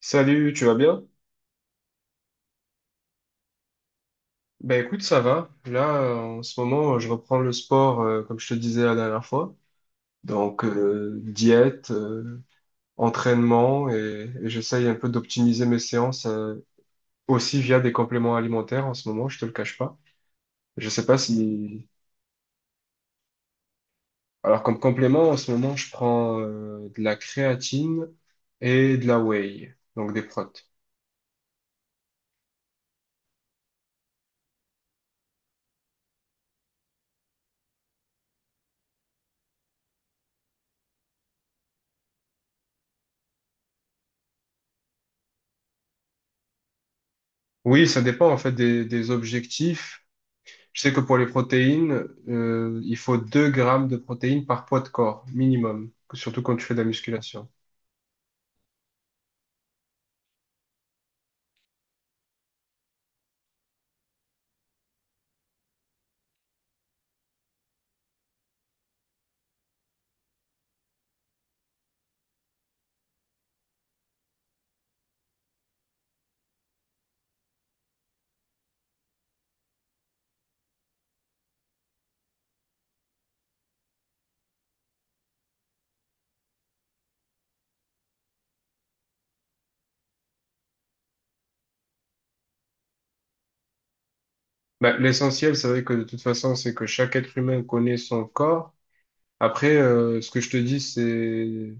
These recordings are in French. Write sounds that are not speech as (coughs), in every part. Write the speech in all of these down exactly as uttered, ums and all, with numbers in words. Salut, tu vas bien? Ben écoute, ça va. Là, euh, en ce moment, euh, je reprends le sport, euh, comme je te disais la dernière fois. Donc, euh, diète, euh, entraînement, et, et j'essaye un peu d'optimiser mes séances, euh, aussi via des compléments alimentaires en ce moment, je te le cache pas. Je sais pas si... Alors, comme complément, en ce moment, je prends, euh, de la créatine et de la whey, donc des protes. Oui, ça dépend en fait des, des objectifs. Je sais que pour les protéines, euh, il faut deux grammes de protéines par poids de corps, minimum, surtout quand tu fais de la musculation. Bah, l'essentiel, c'est vrai que de toute façon, c'est que chaque être humain connaît son corps. Après, euh, ce que je te dis, c'est,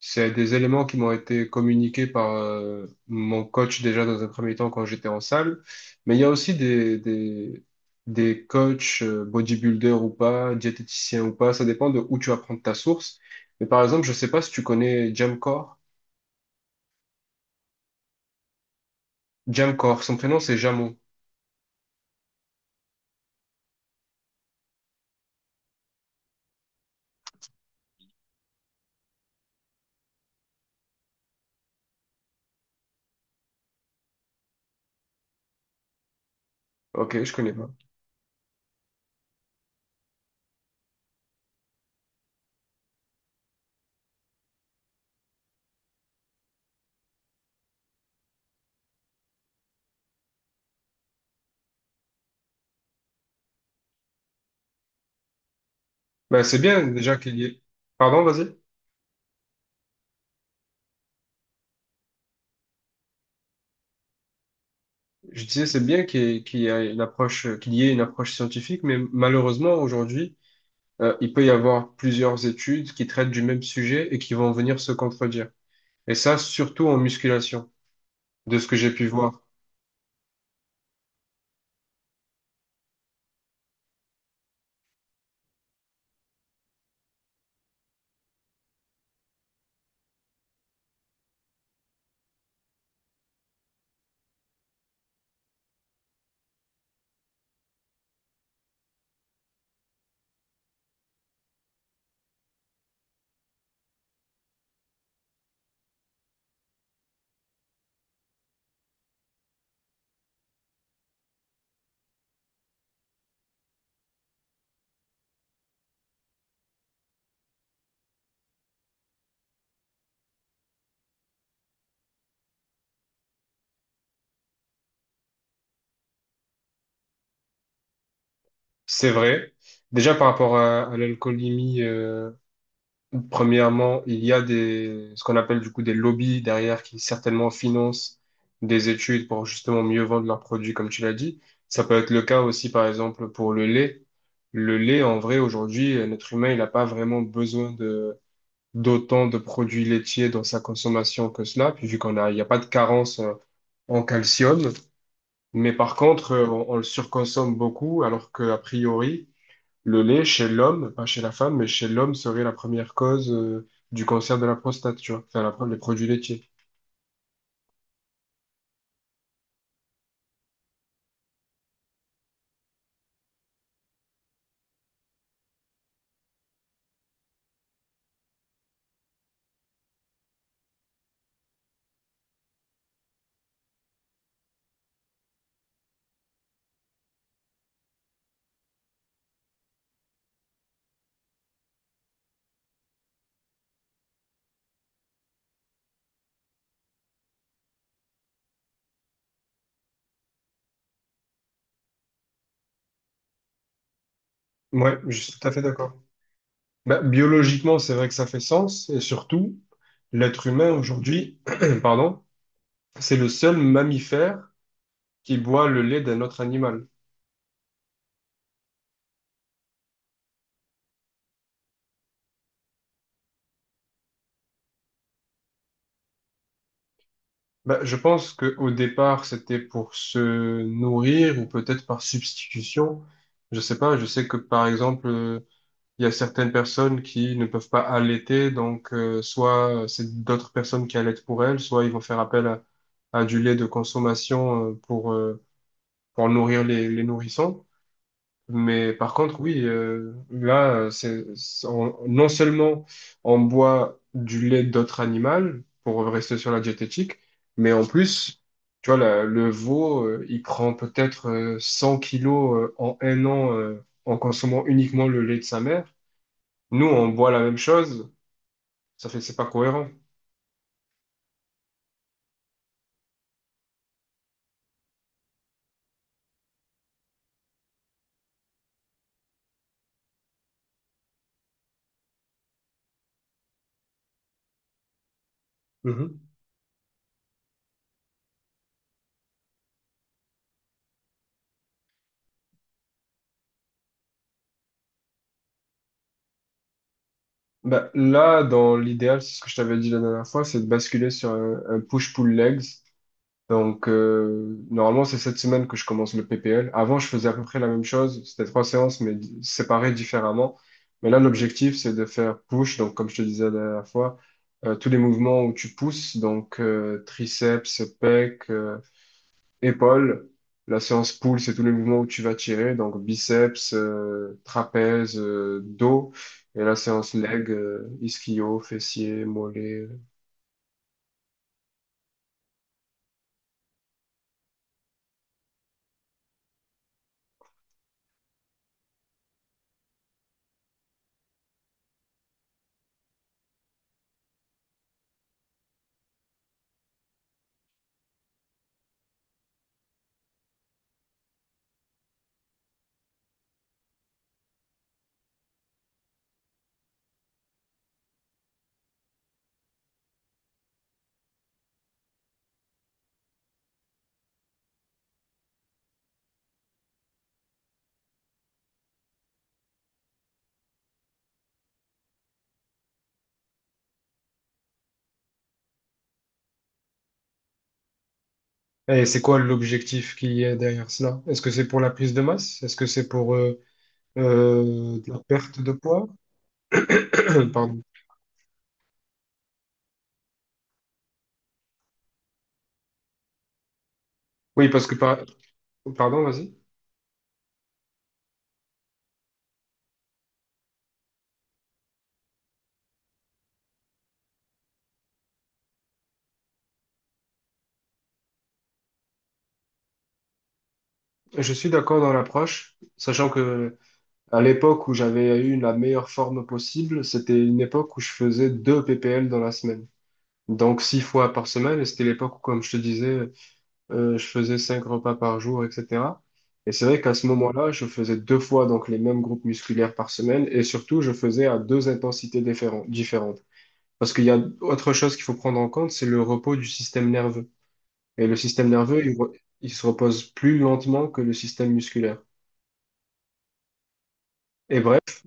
c'est des éléments qui m'ont été communiqués par euh, mon coach déjà dans un premier temps quand j'étais en salle. Mais il y a aussi des, des, des coachs, euh, bodybuilders ou pas, diététiciens ou pas, ça dépend de où tu vas prendre ta source. Mais par exemple, je sais pas si tu connais Jamcore. Jamcor, son prénom c'est Jamo. Ok, je connais pas. Bah, c'est bien déjà qu'il y ait. Pardon, vas-y. Je disais, c'est bien qu'il y ait, qu'il y ait une approche, euh, qu'il y ait une approche scientifique, mais malheureusement aujourd'hui, euh, il peut y avoir plusieurs études qui traitent du même sujet et qui vont venir se contredire. Et ça, surtout en musculation, de ce que j'ai pu voir. C'est vrai. Déjà par rapport à, à l'alcoolémie, euh, Premièrement, il y a des, ce qu'on appelle du coup des lobbies derrière qui certainement financent des études pour justement mieux vendre leurs produits, comme tu l'as dit. Ça peut être le cas aussi, par exemple, pour le lait. Le lait, en vrai, aujourd'hui, euh, l'être humain, il n'a pas vraiment besoin de, d'autant de produits laitiers dans sa consommation que cela, puis vu qu'on a, il n'y a pas de carence euh, en calcium. Mais par contre, euh, on, on le surconsomme beaucoup, alors que, a priori, le lait, chez l'homme, pas chez la femme, mais chez l'homme serait la première cause euh, du cancer de la prostate, tu vois, enfin, la pro- les produits laitiers. Ouais, je suis tout à fait d'accord. Bah, biologiquement, c'est vrai que ça fait sens, et surtout, l'être humain aujourd'hui, (clears throat) pardon, c'est le seul mammifère qui boit le lait d'un autre animal. Bah, je pense que au départ, c'était pour se nourrir ou peut-être par substitution. Je sais pas, je sais que par exemple, euh, il y a certaines personnes qui ne peuvent pas allaiter, donc euh, soit c'est d'autres personnes qui allaitent pour elles, soit ils vont faire appel à, à du lait de consommation euh, pour, euh, pour nourrir les, les nourrissons. Mais par contre, oui, euh, là, euh, c'est, c'est- on- non seulement on boit du lait d'autres animaux pour rester sur la diététique, mais en plus, tu vois, la- le veau, euh, il prend peut-être euh, 100 kilos euh, en un an euh, en consommant uniquement le lait de sa mère. Nous, on boit la même chose, ça fait que c'est pas cohérent. Mhm. Bah, là, dans l'idéal, c'est ce que je t'avais dit la dernière fois, c'est de basculer sur un, un push-pull legs. Donc, euh, normalement, c'est cette semaine que je commence le P P L. Avant, je faisais à peu près la même chose. C'était trois séances, mais di- séparées différemment. Mais là, l'objectif, c'est de faire push. Donc, comme je te disais la dernière fois, euh, tous les mouvements où tu pousses, donc euh, triceps, pecs, épaules. La séance pull, c'est tous les mouvements où tu vas tirer, donc biceps, euh, trapèze, euh, dos. Et la séance leg, euh, ischio, fessier, mollet. Et c'est quoi l'objectif qui est derrière cela? Est-ce que c'est pour la prise de masse? Est-ce que c'est pour euh, euh, de la perte de poids? (coughs) (clears throat) Pardon. Oui, parce que par- pardon, vas-y. Je suis d'accord dans l'approche, sachant que à l'époque où j'avais eu la meilleure forme possible, c'était une époque où je faisais deux P P L dans la semaine. Donc six fois par semaine, et c'était l'époque où, comme je te disais, euh, je faisais cinq repas par jour, et cetera. Et c'est vrai qu'à ce moment-là, je faisais deux fois donc les mêmes groupes musculaires par semaine, et surtout, je faisais à deux intensités différen- différentes. Parce qu'il y a autre chose qu'il faut prendre en compte, c'est le repos du système nerveux. Et le système nerveux, il, re- il se repose plus lentement que le système musculaire. Et bref,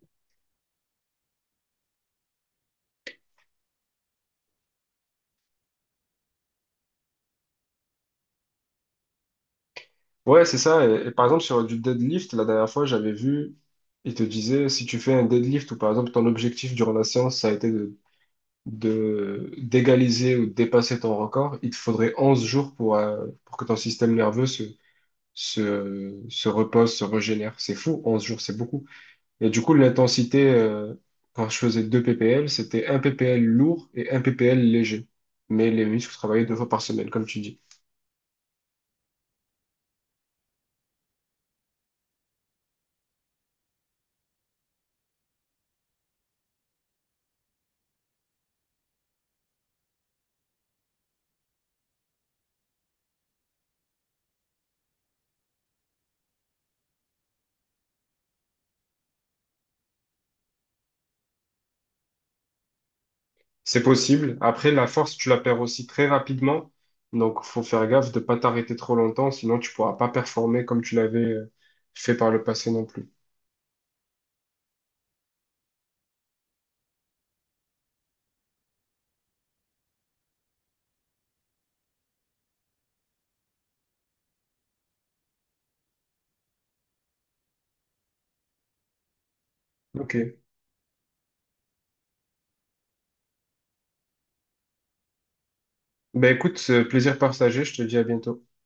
ouais, c'est ça. Et, et par exemple, sur du deadlift, la dernière fois, j'avais vu, il te disait, si tu fais un deadlift, ou par exemple, ton objectif durant la séance, ça a été de de d'égaliser ou de dépasser ton record, il te faudrait onze jours pour, euh, pour que ton système nerveux se, se, se repose, se régénère. C'est fou, onze jours, c'est beaucoup. Et du coup, l'intensité, euh, quand je faisais deux ppl, c'était un ppl lourd et un ppl léger. Mais les muscles travaillaient deux fois par semaine, comme tu dis. C'est possible. Après, la force, tu la perds aussi très rapidement. Donc, faut faire gaffe de pas t'arrêter trop longtemps, sinon tu pourras pas performer comme tu l'avais euh, fait par le passé non plus. Ok. Ben écoute, euh, plaisir partagé, je te dis à bientôt.